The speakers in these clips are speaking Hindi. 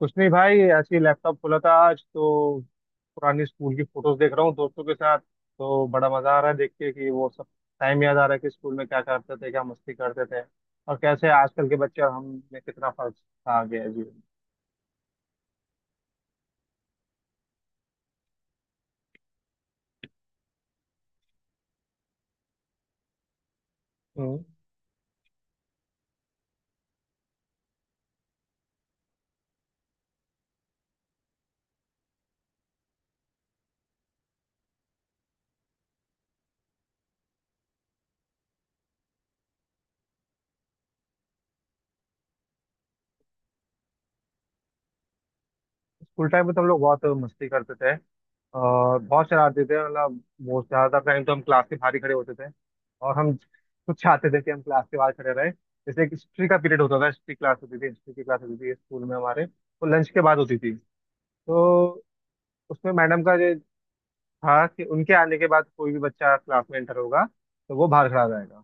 कुछ नहीं भाई, ऐसे ही लैपटॉप खोला था आज तो। पुरानी स्कूल की फोटोज देख रहा हूँ दोस्तों के साथ, तो बड़ा मजा आ रहा है देख के कि वो सब टाइम याद आ रहा है कि स्कूल में क्या करते थे, क्या मस्ती करते थे। और कैसे आजकल के बच्चे और हम में कितना फर्क आ गया है जीवन में। हम्म। स्कूल टाइम में तो हम लोग बहुत मस्ती करते थे और बहुत शरारती थे। मतलब बहुत ज्यादातर टाइम तो हम क्लास के बाहर ही खड़े होते थे, और हम कुछ चाहते थे कि हम क्लास के बाहर खड़े रहे। जैसे एक हिस्ट्री का पीरियड होता था, हिस्ट्री की क्लास होती थी स्कूल में हमारे, वो लंच के बाद होती थी। तो उसमें मैडम का जो था कि उनके आने के बाद कोई भी बच्चा क्लास में एंटर होगा तो वो बाहर खड़ा रहेगा।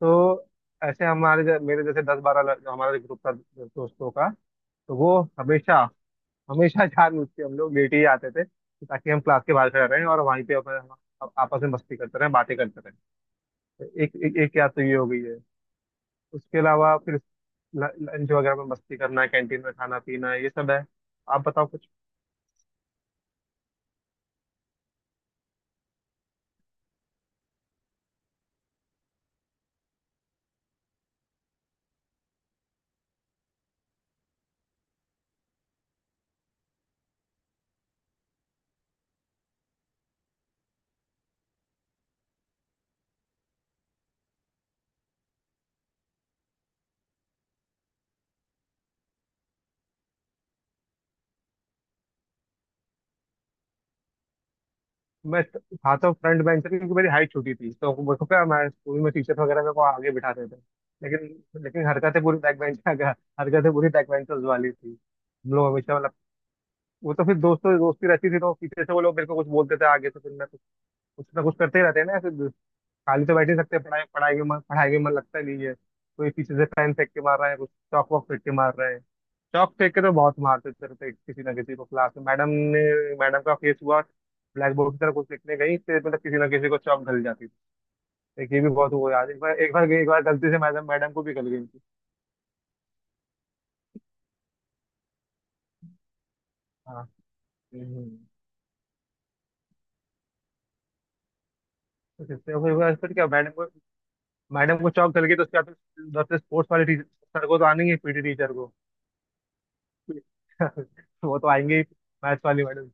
तो ऐसे हमारे मेरे जैसे 10-12 जो हमारा ग्रुप था दोस्तों का, तो वो हमेशा हमेशा जानबूझ के हम लोग लेट ही आते थे, ताकि हम क्लास के बाहर खड़े रहें और वहीं पे आपस में मस्ती करते रहें, बातें करते रहें। तो एक एक, एक याद तो ये हो गई है। उसके अलावा फिर लंच वगैरह में मस्ती करना, कैंटीन में खाना पीना, ये सब है। आप बताओ। मैं त- था तो फ्रंट बेंचर, क्योंकि मेरी हाइट छोटी थी तो मेरे को क्या, हमारे स्कूल में टीचर वगैरह मेरे को आगे बिठाते थे। लेकिन लेकिन हरकतें पूरी बैक बेंच हरकतें पूरी बैक बेंचर्स वाली थी। हम लोग हमेशा, मतलब वो तो फिर दोस्तों दोस्ती रहती थी, तो पीछे से वो लोग मेरे को कुछ बोलते थे आगे, तो फिर मैं कुछ कुछ ना कुछ करते ही रहते हैं ना फिर। खाली तो बैठ ही सकते हैं, पढ़ाई पढ़ाई के मन लगता नहीं है। कोई पीछे से पेन फेंक के मार रहा है, कुछ चौक वॉक फेंक के मार रहा है। चौक फेंक के तो बहुत मारते थे, तो किसी ना किसी को क्लास में मैडम ने, मैडम का फेस हुआ ब्लैक बोर्ड की तरफ कुछ लिखने गई तो मतलब किसी ना किसी को चौक गल जाती थी। एक ये भी बहुत हुआ यार। एक बार गई, एक बार गलती से मैडम मैडम को भी गल गई थी। हाँ। हम्म। तो किससे हुई बात? फिर क्या मैडम को, मैडम को चौक गल गई तो उसके बाद फिर उधर से स्पोर्ट्स वाले टीचर, सर को तो आने ही, पीटी टीचर को वो तो आएंगे ही। मैथ्स वाली मैडम,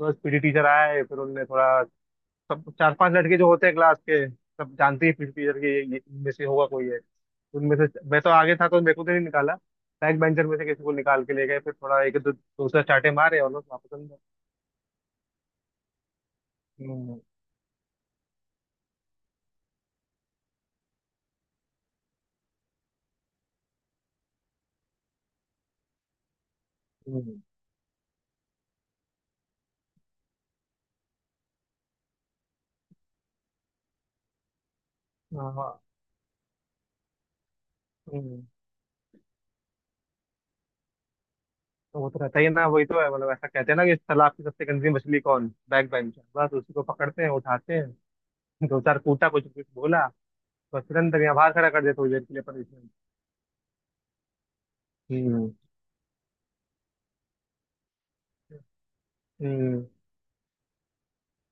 बस पीटी टीचर आए फिर उनने थोड़ा। सब 4-5 लड़के जो होते हैं क्लास के, सब जानते हैं पीटी टीचर के, इनमें से होगा कोई है। उनमें से मैं तो आगे था तो मेरे को तो नहीं निकाला। बैक बेंचर में से किसी को निकाल के ले गए, फिर थोड़ा एक दो, दो से चाटे मारे और लोग वापस अंदर। हम्म। हम्म। हाँ। हम्म। तो वो तो रहता ही है ना, वही तो है। मतलब ऐसा कहते हैं ना कि इस तालाब की सबसे गंदी मछली कौन, बैक बेंचर। बस उसी को पकड़ते हैं, उठाते हैं, दो चार कूटा, कुछ कुछ बोला, बस तुरंत यहाँ बाहर खड़ा कर देते हो जेल के लिए, पनिशमेंट। हम्म। हम्म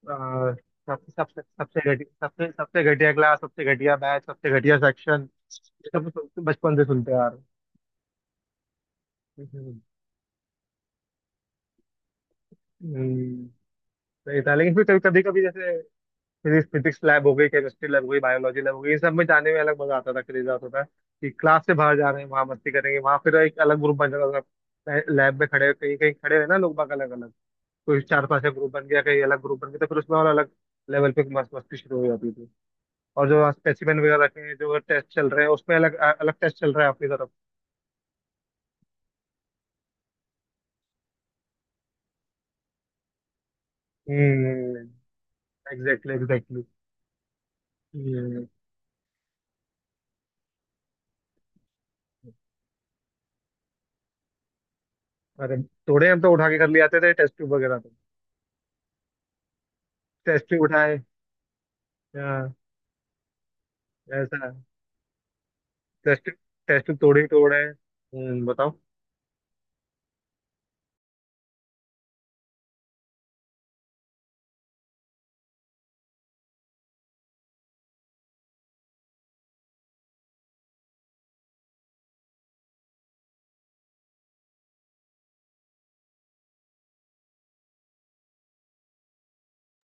अ, सबसे सबसे सबसे घटिया, सबसे सबसे घटिया क्लास, सबसे घटिया बैच, सबसे घटिया सेक्शन, ये सब तो बचपन से सुनते आ रहे हैं। हम्म। हम्म। हम्म। सही था, लेकिन फिर कभी कभी जैसे फिजिक्स फिजिक्स लैब हो गई, केमिस्ट्री लैब हो गई, बायोलॉजी लैब हो गई, इन सब में जाने में अलग मजा आता था, क्रेज आता था कि क्लास से बाहर जा रहे हैं, वहां मस्ती करेंगे। वहां फिर एक अलग ग्रुप बन जाता था लैब में, खड़े कहीं कहीं खड़े रहे ना लोग बाग अलग अलग। कोई 4-5 का ग्रुप बन गया, कहीं अलग ग्रुप बन गया, तो फिर उसमें और अलग लेवल पे मस्ती शुरू हो जाती। और जो स्पेसिमेन वगैरह रखे हैं, जो टेस्ट चल रहे हैं उसमें, अलग अलग टेस्ट चल रहा है आपकी तरफ। हम्म। Exactly exactly. हम्म। अरे थोड़े, हम तो उठा के कर ले आते थे टेस्ट ट्यूब वगैरह तो। टेस्ट ट्यूब उठाए। हाँ, ऐसा। टेस्ट टेस्ट ट्यूब तोड़े ही तोड़े। हम्म, बताओ।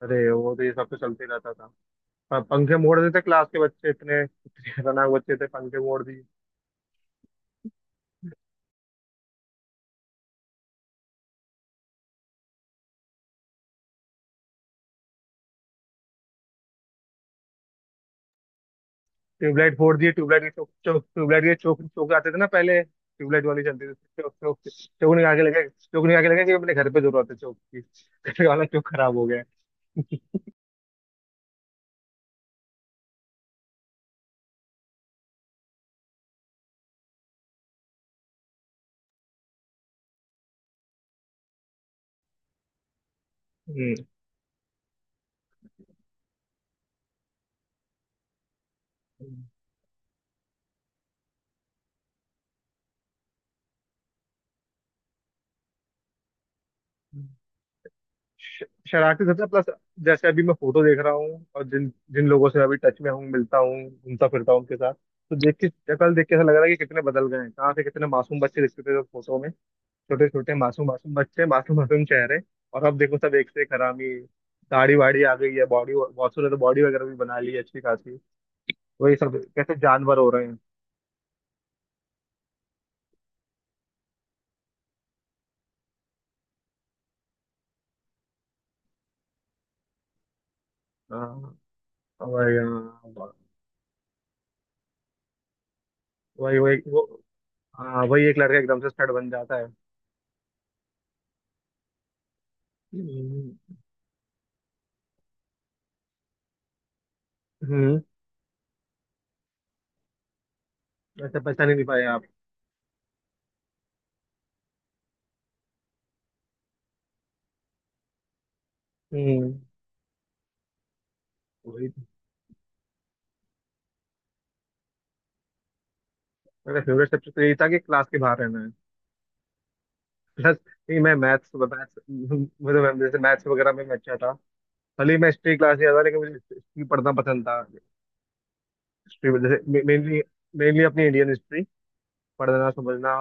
अरे वो तो ये सब तो चलते रहता था। पंखे मोड़ देते क्लास के बच्चे, इतने इतने खतरनाक बच्चे थे, पंखे मोड़ दिए, ट्यूबलाइट फोड़ दिए। ट्यूबलाइट के चौक, चौक ट्यूबलाइट के, चौक चौक आते थे ना पहले ट्यूबलाइट वाली चलती थी। चौक चौक चौक निकाल के लगा, चौक निकाल के लगा कि अपने घर पे जरूरत है चौक की, घर वाला चौक खराब हो गया है। हम्म। श- शरारती सबसे प्लस। जैसे अभी मैं फोटो देख रहा हूँ, और जिन जिन लोगों से अभी टच में हूँ, मिलता हूँ, घूमता फिरता हूँ उनके साथ, तो देख के, कल देख के ऐसा लग रहा है कि कितने बदल गए हैं, कहाँ से कितने मासूम बच्चे दिखते थे फोटो में। छोटे छोटे मासूम मासूम बच्चे, मासूम मासूम चेहरे, और अब देखो सब एक से एक हरामी। दाढ़ी वाड़ी आ गई है, बॉडी, बहुत से तो बॉडी वगैरह भी बना ली है अच्छी खासी। वही, सब कैसे जानवर हो रहे हैं। हाँ। वही हाँ। वही वही वो हाँ, वही, एक लड़का एकदम से स्टड बन जाता है। हम्म। हम्म। वैसे पहचान ही नहीं पाए आप। हम्म। वही तो। मेरा फेवरेट सब्जेक्ट तो यही था कि क्लास के बाहर रहना है, प्लस नहीं, मैं मैथ्स मैथ्स, मुझे जैसे मैथ्स वगैरह में मैं अच्छा था। भले ही मैं हिस्ट्री क्लास नहीं आता, लेकिन मुझे हिस्ट्री पढ़ना पसंद था। हिस्ट्री में जैसे मेनली मेनली अपनी इंडियन हिस्ट्री पढ़ना, समझना,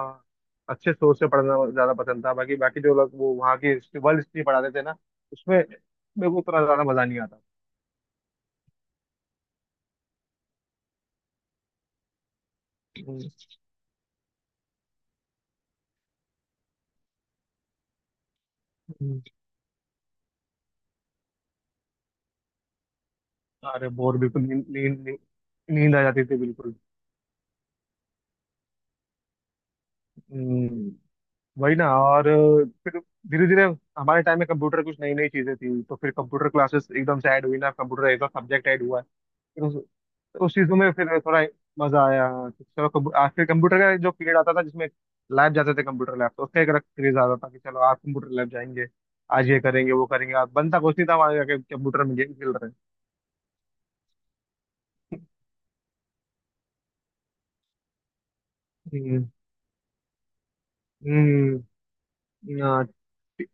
अच्छे सोच से पढ़ना ज्यादा पसंद था। बाकी, बाकी जो लोग वो वहाँ की हिस्ट्री, वर्ल्ड हिस्ट्री पढ़ाते थे ना, उसमें मेरे को उतना ज्यादा मजा नहीं आता। हम्म। अरे बोर, बिल्कुल नींद, नींद, नींद, नींद आ जाती थी बिल्कुल। हम्म। वही ना। और फिर धीरे धीरे हमारे टाइम में कंप्यूटर, कुछ नई नई चीजें थी, तो फिर कंप्यूटर क्लासेस एकदम से ऐड हुई ना, कंप्यूटर एक सब्जेक्ट ऐड हुआ है। तो उस चीजों में फिर थोड़ा मजा आया, हाँ। फिर कंप्यूटर का जो पीरियड आता था, जिसमें लैब जाते थे कंप्यूटर लैब, तो उसका एक अलग क्रेज आता था कि चलो आज कंप्यूटर लैब जाएंगे, आज ये करेंगे वो करेंगे। आज बनता कुछ नहीं था हमारे, जाके कंप्यूटर में गेम खेल रहे हैं। हम्म। हम्म। हाँ। टी-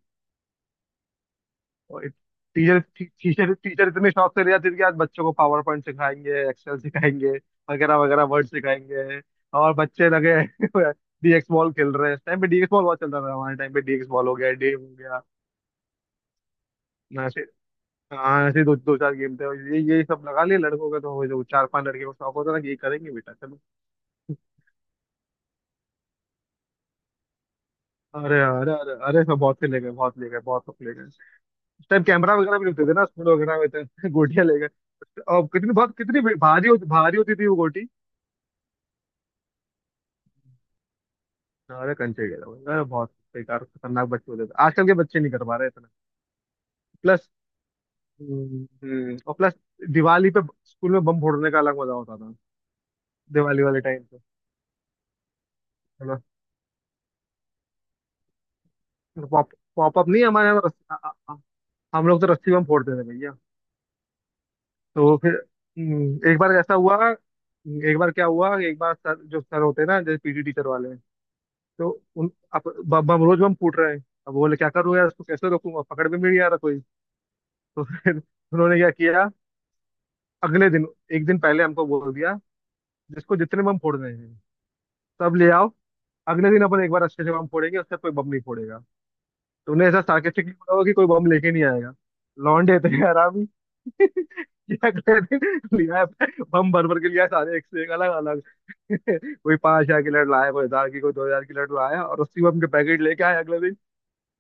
और टीचर टी- टीचर टीचर इतने शौक से ले जाते थे कि आज बच्चों को पावर पॉइंट सिखाएंगे, एक्सेल सिखाएंगे वगैरह वगैरह, वर्ड सिखाएंगे। और बच्चे लगे डीएक्स बॉल खेल रहे हैं। इस टाइम पे डीएक्स बॉल बहुत चल रहा था, हमारे टाइम पे डीएक्स बॉल हो गया, डे हो गया। हाँ, ऐसे दो दो चार गेम थे, और ये सब लगा लिए लड़कों का, तो हो, जो चार पांच लड़के को शौक होता था कि ये करेंगे बेटा चलो। अरे अरे अरे अरे, सब बहुत से ले गए, बहुत ले गए, बहुत सब ले गए। उस टाइम कैमरा वगैरह भी नहीं होते थे ना स्कूल वगैरह में तो गोटियां ले गए। और कितनी, बहुत कितनी भारी होती, भारी होती थी वो गोटी। अरे कंचे, गया भाई, अरे बहुत बेकार खतरनाक बच्चे होते थे, आजकल के बच्चे नहीं कर पा रहे इतना, प्लस। हम्म। हम्म। और प्लस दिवाली पे स्कूल में बम फोड़ने का अलग मजा होता था दिवाली वाले टाइम पे। है ना। पॉप पॉपअप नहीं हमारे यहाँ, हम लोग तो रस्सी बम फोड़ते थे भैया। तो फिर एक बार ऐसा हुआ। एक बार क्या हुआ, एक बार सर, जो सर होते हैं ना जैसे पीटी टीचर वाले, तो उन, अब बम रोज बम फूट रहे हैं, अब बोले क्या करूँ यार, इसको कैसे रोकूंगा, पकड़ में भी नहीं आ रहा कोई। तो फिर उन्होंने क्या किया, अगले दिन, एक दिन पहले हमको बोल दिया, जिसको जितने बम फोड़ने हैं सब ले आओ, अगले दिन अपन एक बार अच्छे से बम फोड़ेंगे, उससे कोई बम नहीं फोड़ेगा। तो उन्हें ऐसा सार्केस्टिकली बोला होगा कि कोई बम लेके नहीं आएगा। लौंडे थे यार, क्या कर लिया है, बम भर भर के लिया है सारे, एक से एक अलग अलग। कोई 5000 की लड़ लाया, कोई 1000 की, कोई 2000 की लड़ लाया, और उसी बम के पैकेट लेके आए अगले दिन।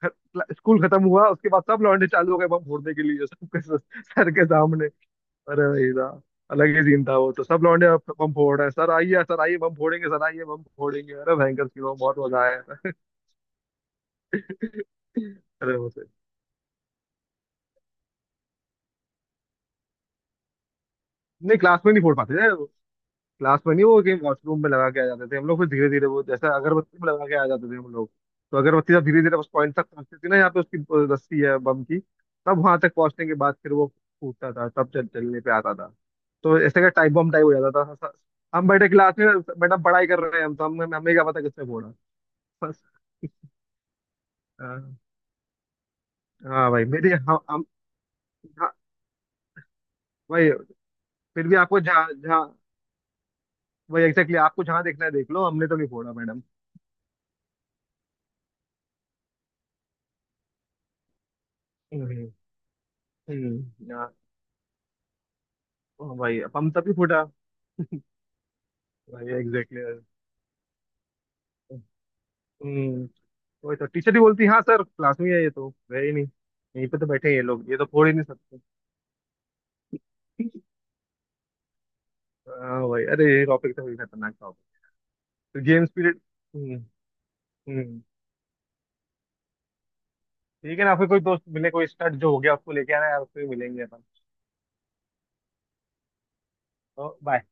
ख- स्कूल खत्म हुआ उसके बाद सब लौंडे चालू हो गए बम फोड़ने के लिए, सर के सामने। अरे भाई साहब, अलग ही सीन था वो तो। सब लौंडे अब बम फोड़ रहे हैं, सर आइए, सर आइए बम फोड़ेंगे, सर आइए बम फोड़ेंगे। अरे भयंकर सीन हुआ, बहुत मजा आया था। अरे वो तो, नहीं क्लास में नहीं फोड़ पाते थे, क्लास में नहीं। वो कि वॉशरूम में लगा के आ जाते थे हम लोग, फिर धीरे धीरे वो जैसे अगरबत्ती में लगा के आ जाते थे हम लोग। तो अगरबत्ती जब धीरे धीरे उस पॉइंट तक पहुंचती थी ना, यहाँ पे उसकी रस्सी है बम की, तब वहां तक पहुंचने के बाद फिर वो फूटता था, तब चल चलने पे आता था। तो ऐसे का टाइप बम टाइप हो जाता था हम बैठे क्लास में, मैडम पढ़ाई कर रहे हैं, हम तो, हम हमें क्या पता किसने फोड़ा। बस। हाँ। हाँ भाई, मेरी हम। हाँ, भाई, फिर भी आपको जहाँ जहाँ, भाई एग्जैक्टली, आपको जहाँ देखना है देख लो, हमने तो नहीं फोड़ा मैडम। हम्म। हम्म। हाँ। हाँ भाई, पंप तभी फूटा। भाई एग्जैक्टली। हम्म। वही तो, टीचर ही बोलती हाँ सर, क्लास में ही है ये, तो है ही नहीं। यहीं पे तो बैठे हैं ये लोग, ये तो फोड़ ही नहीं सकते। हाँ भाई, अरे ये टॉपिक तो बड़ी खतरनाक टॉपिक। तो गेम पीरियड। हम्म। हम्म। ठीक है ना, फिर कोई दोस्त मिले कोई स्टड जो हो गया उसको लेके आना यार, उससे मिलेंगे अपन। तो bye।